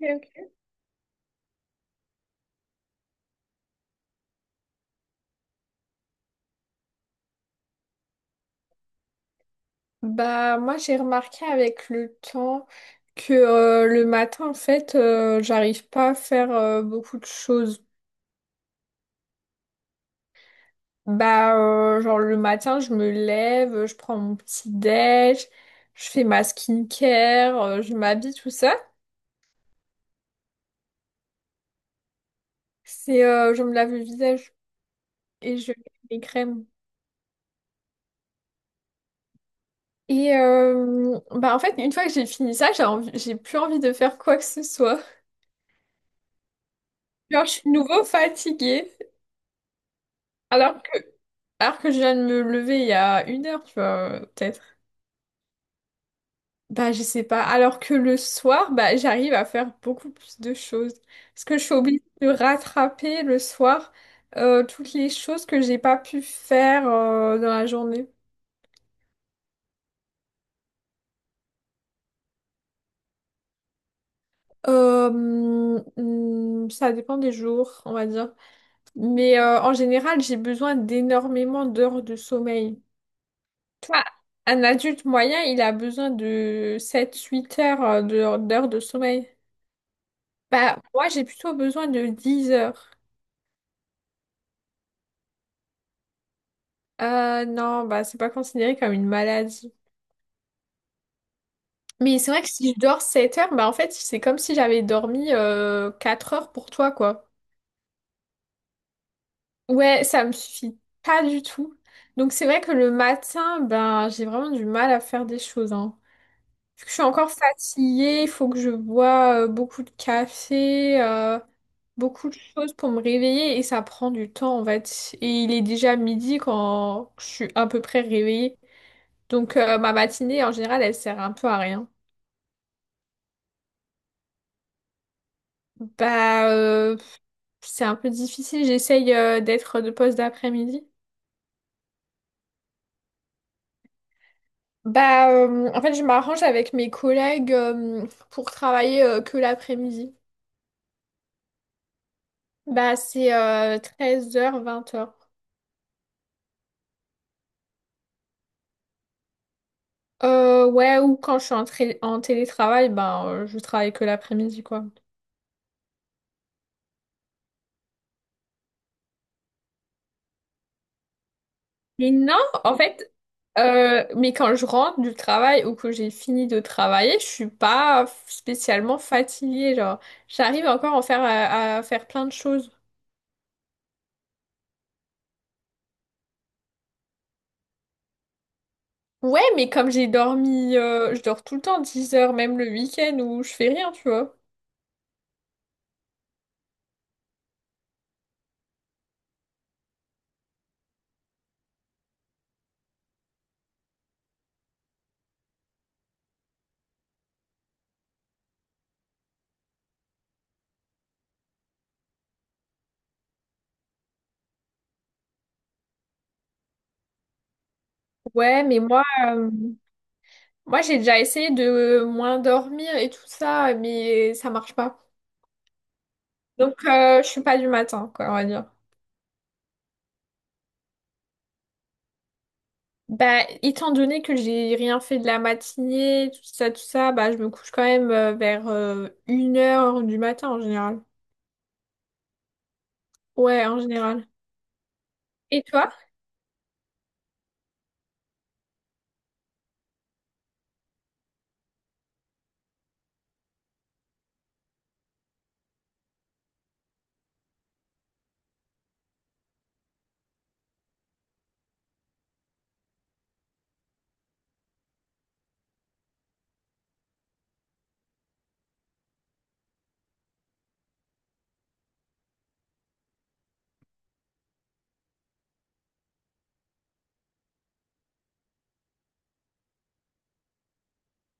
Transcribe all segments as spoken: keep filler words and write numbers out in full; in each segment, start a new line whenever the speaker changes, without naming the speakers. Ok, ok. Bah, moi, j'ai remarqué avec le temps que euh, le matin, en fait, euh, j'arrive pas à faire euh, beaucoup de choses. Bah, euh, genre le matin, je me lève, je prends mon petit déj, je fais ma skincare, euh, je m'habille, tout ça. C'est, euh, je me lave le visage et je mets mes crèmes. Et euh, bah, en fait, une fois que j'ai fini ça, j'ai envie- j'ai plus envie de faire quoi que ce soit. Genre, je suis de nouveau fatiguée. Alors que, alors que je viens de me lever il y a une heure, tu vois, peut-être. Bah, je sais pas. Alors que le soir, bah, j'arrive à faire beaucoup plus de choses. Parce que je suis obligée de rattraper le soir euh, toutes les choses que j'ai pas pu faire euh, dans la journée. Euh, hmm, ça dépend des jours, on va dire. Mais euh, en général, j'ai besoin d'énormément d'heures de sommeil. Toi, un adulte moyen, il a besoin de sept huit heures euh, de- d'heures de sommeil. Bah, moi, j'ai plutôt besoin de dix heures. Euh, non, bah, c'est pas considéré comme une maladie. Mais c'est vrai que si je dors sept heures, bah, en fait, c'est comme si j'avais dormi euh, quatre heures pour toi, quoi. Ouais, ça me suffit pas du tout. Donc, c'est vrai que le matin, ben, j'ai vraiment du mal à faire des choses, hein. Vu que je suis encore fatiguée, il faut que je bois euh, beaucoup de café, euh, beaucoup de choses pour me réveiller et ça prend du temps, en fait. Et il est déjà midi quand je suis à peu près réveillée. Donc euh, ma matinée, en général, elle sert un peu à rien. Bah, euh, c'est un peu difficile. J'essaye euh, d'être de poste d'après-midi. Bah, euh, en fait, je m'arrange avec mes collègues euh, pour travailler euh, que l'après-midi. Bah, c'est euh, treize heures vingt heures. Euh ouais, ou quand je suis en, tra- en télétravail, ben, euh, je travaille que l'après-midi, quoi. Mais non, en fait, euh, mais quand je rentre du travail ou que j'ai fini de travailler, je suis pas spécialement fatiguée, genre. J'arrive encore à faire, à, à faire plein de choses. Ouais, mais comme j'ai dormi, euh, je dors tout le temps dix heures, même le week-end où je fais rien, tu vois. Ouais, mais moi, euh, moi j'ai déjà essayé de moins dormir et tout ça, mais ça marche pas. Donc, euh, je suis pas du matin, quoi, on va dire. Bah, étant donné que j'ai rien fait de la matinée, tout ça, tout ça, bah, je me couche quand même euh, vers euh, une heure du matin en général. Ouais, en général. Et toi?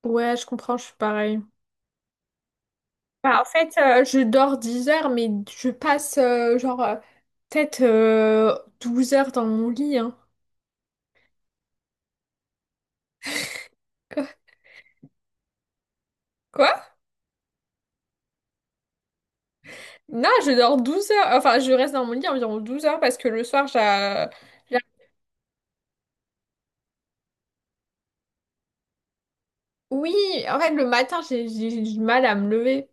Ouais, je comprends, je suis pareil. Bah, en fait, euh, je dors dix heures, mais je passe euh, genre euh, peut-être euh, douze heures dans mon lit, hein. Quoi? Quoi? Non, je dors douze heures. Enfin, je reste dans mon lit environ douze heures parce que le soir, j'ai... j'ai- Oui, en fait, le matin, j'ai j'ai- j'ai du mal à me lever.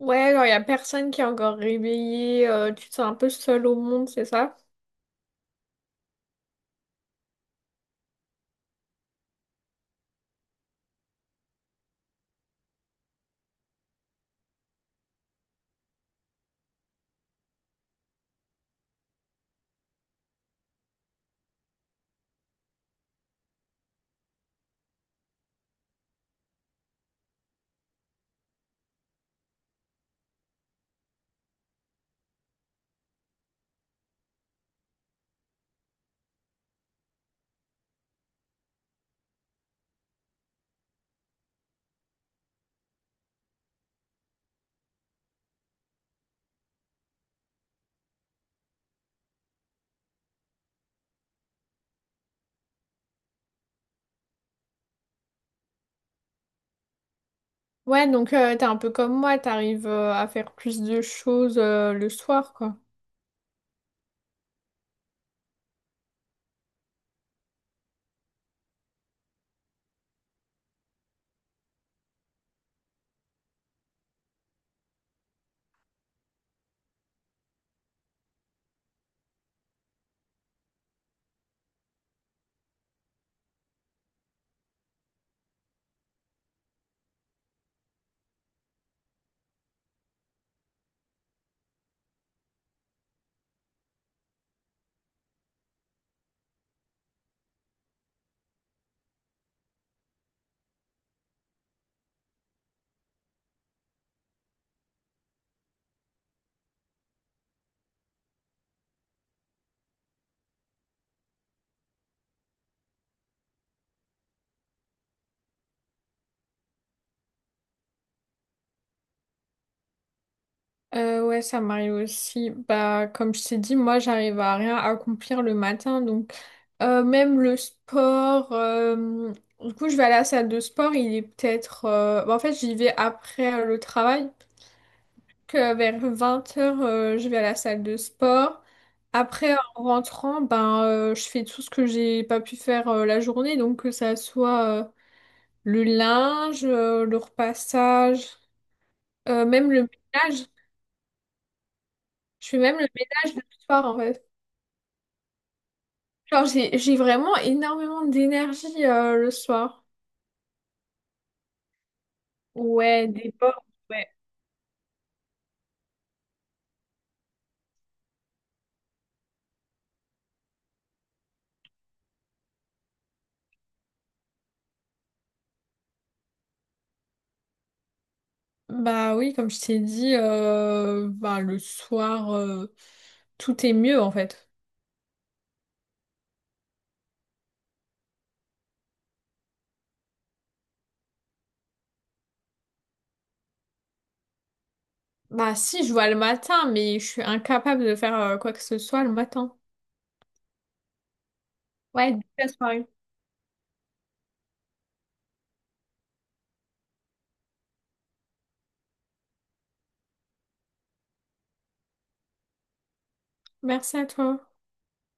Ouais, genre, il y a personne qui est encore réveillé, euh, tu te sens un peu seul au monde, c'est ça? Ouais, donc euh, t'es un peu comme moi, t'arrives euh, à faire plus de choses euh, le soir, quoi. Euh, ouais, ça m'arrive aussi. Bah, comme je t'ai dit, moi, j'arrive à rien accomplir le matin, donc euh, même le sport. euh, Du coup, je vais à la salle de sport, il est peut-être. Euh, bah, en fait, j'y vais après euh, le travail. Que vers vingt heures, je vais à la salle de sport. Après, en rentrant, ben, euh, je fais tout ce que j'ai pas pu faire euh, la journée. Donc, que ça soit euh, le linge, euh, le repassage, euh, même le ménage. Je fais même le ménage le soir, en fait. Genre, j'ai, j'ai vraiment énormément d'énergie euh, le soir. Ouais, des bords, ouais. Bah oui, comme je t'ai dit, euh, ben, le soir, euh, tout est mieux, en fait. Bah si, je vois le matin, mais je suis incapable de faire euh, quoi que ce soit le matin. Ouais, toute la soirée. Merci à toi.